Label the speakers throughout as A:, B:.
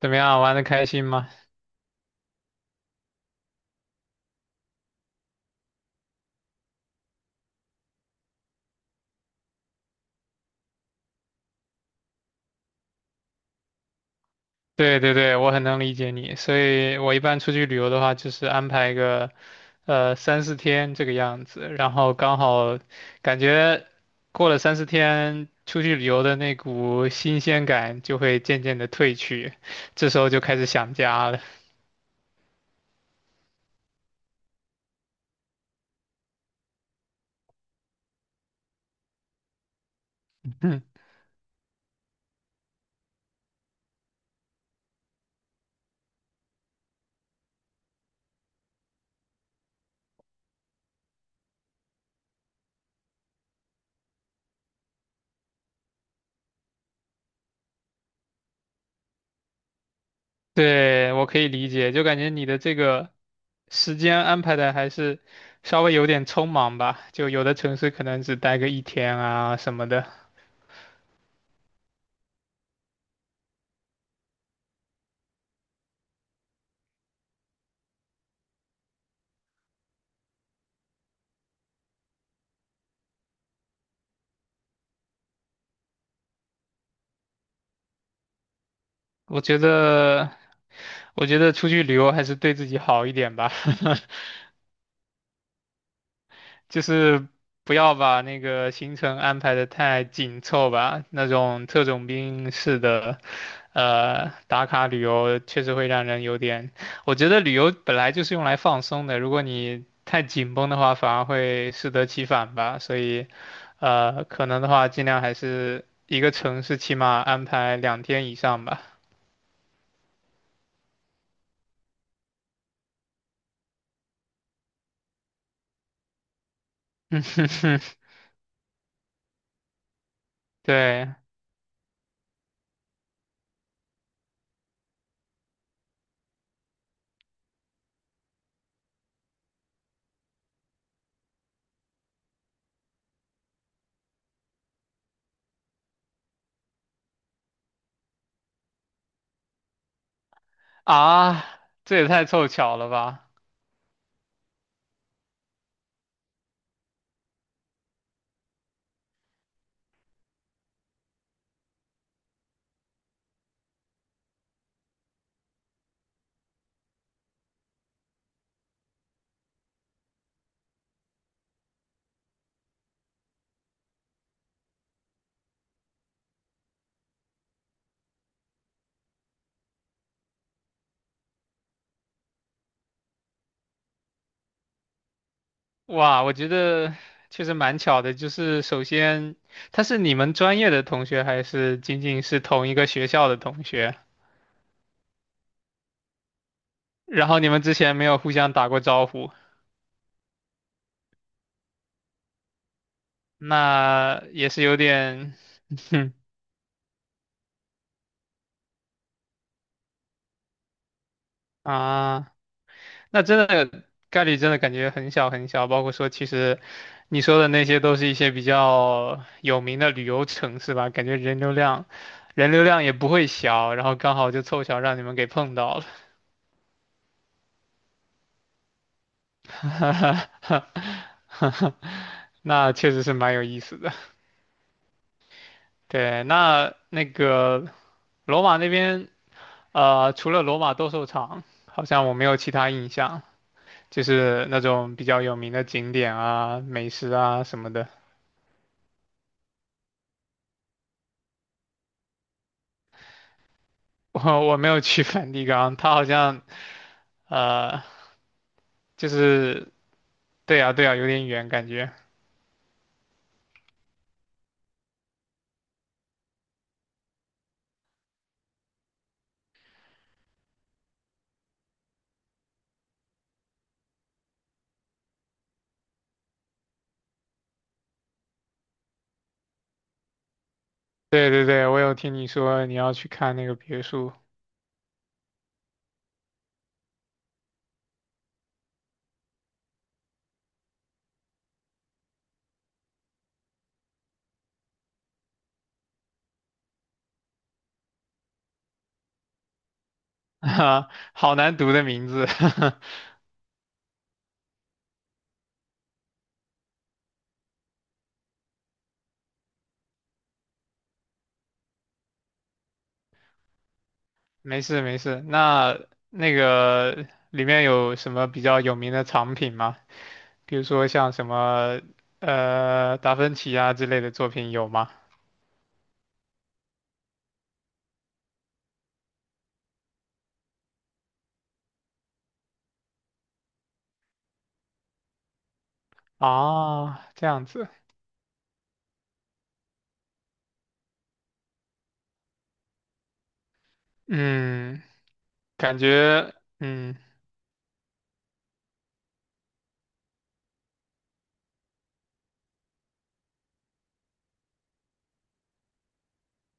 A: 怎么样，玩的开心吗？对对对，我很能理解你，所以我一般出去旅游的话，就是安排个三四天这个样子，然后刚好感觉过了三四天，出去旅游的那股新鲜感就会渐渐的褪去，这时候就开始想家了。嗯，对，我可以理解，就感觉你的这个时间安排的还是稍微有点匆忙吧，就有的城市可能只待个一天啊什么的。我觉得，我觉得出去旅游还是对自己好一点吧，就是不要把那个行程安排的太紧凑吧。那种特种兵式的，打卡旅游确实会让人有点。我觉得旅游本来就是用来放松的，如果你太紧绷的话，反而会适得其反吧。所以，可能的话，尽量还是一个城市起码安排两天以上吧。嗯哼哼，对，啊，这也太凑巧了吧！哇，我觉得确实蛮巧的。就是首先，他是你们专业的同学，还是仅仅是同一个学校的同学？然后你们之前没有互相打过招呼，那也是有点，哼啊。那真的概率真的感觉很小很小，包括说其实你说的那些都是一些比较有名的旅游城市吧，感觉人流量也不会小，然后刚好就凑巧让你们给碰到了，那确实是蛮有意思的。对，那个罗马那边，除了罗马斗兽场，好像我没有其他印象，就是那种比较有名的景点啊、美食啊什么的。我我没有去梵蒂冈，它好像呃，就是对呀对呀，有点远感觉。对对对，我有听你说你要去看那个别墅，啊，好难读的名字。没事没事，那那个里面有什么比较有名的藏品吗？比如说像什么达芬奇啊之类的作品有吗？啊，这样子，嗯，感觉嗯。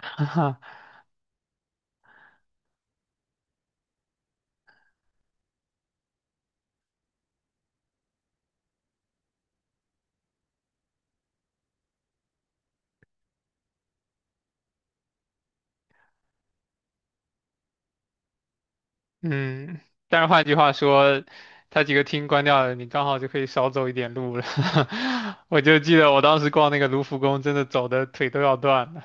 A: 哈哈。嗯，但是换句话说，他几个厅关掉了，你刚好就可以少走一点路了。我就记得我当时逛那个卢浮宫，真的走的腿都要断了。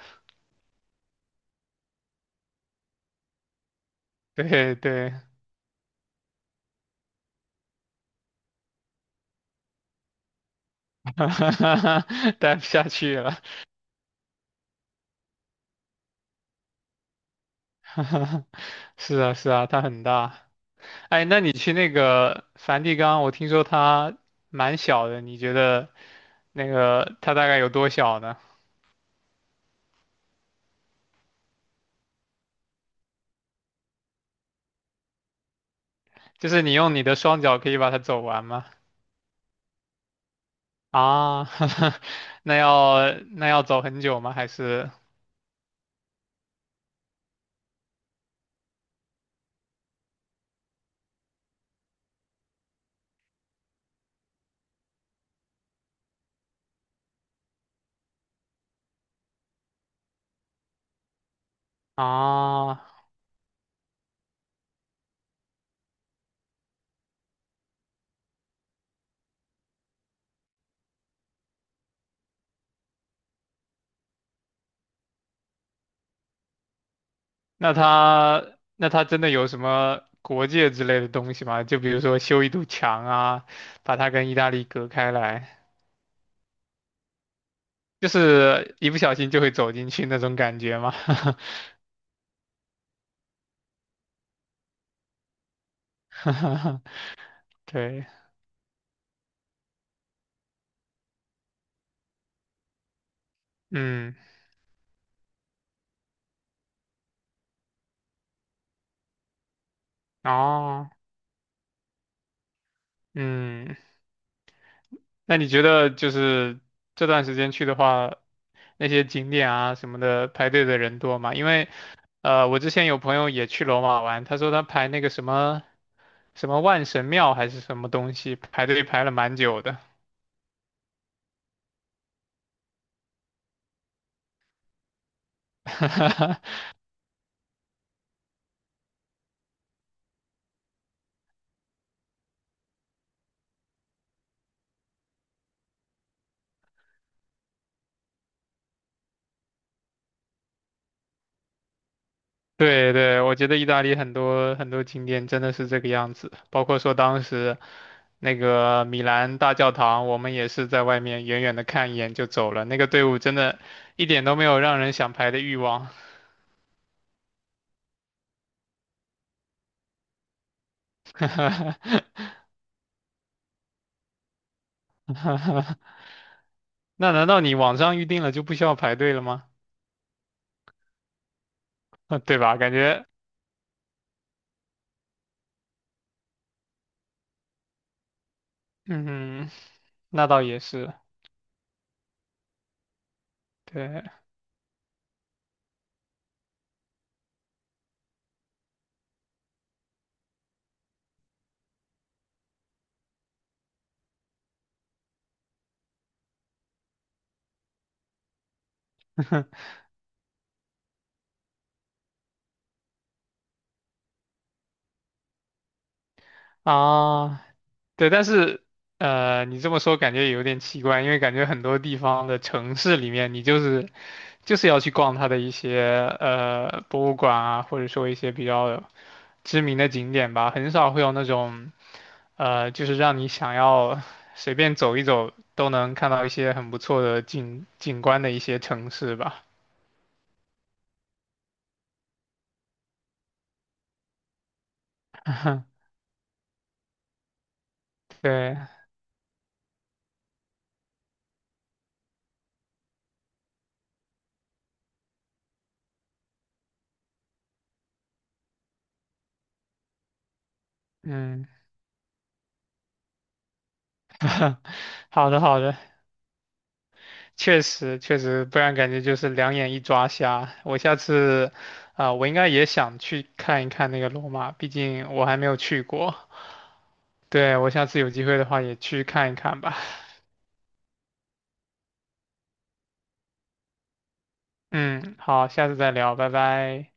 A: 对对，待不下去了。是啊是啊，它很大。哎，那你去那个梵蒂冈，我听说它蛮小的，你觉得那个它大概有多小呢？就是你用你的双脚可以把它走完吗？啊，那要走很久吗？还是？啊，那他真的有什么国界之类的东西吗？就比如说修一堵墙啊，把它跟意大利隔开来，就是一不小心就会走进去那种感觉吗？对，嗯，哦，嗯，那你觉得就是这段时间去的话，那些景点啊什么的排队的人多吗？因为我之前有朋友也去罗马玩，他说他排那个什么。什么万神庙还是什么东西，排队排了蛮久的。对对，我觉得意大利很多很多景点真的是这个样子，包括说当时那个米兰大教堂，我们也是在外面远远的看一眼就走了，那个队伍真的一点都没有让人想排的欲望。那难道你网上预定了就不需要排队了吗？啊，对吧？感觉，嗯，那倒也是，对。啊，对，但是你这么说感觉也有点奇怪，因为感觉很多地方的城市里面，你就是要去逛它的一些博物馆啊，或者说一些比较知名的景点吧，很少会有那种就是让你想要随便走一走都能看到一些很不错的景景观的一些城市吧。对，嗯，好的，好的。确实确实，不然感觉就是两眼一抓瞎。我下次啊、我应该也想去看一看那个罗马，毕竟我还没有去过。对，我下次有机会的话也去看一看吧。嗯，好，下次再聊，拜拜。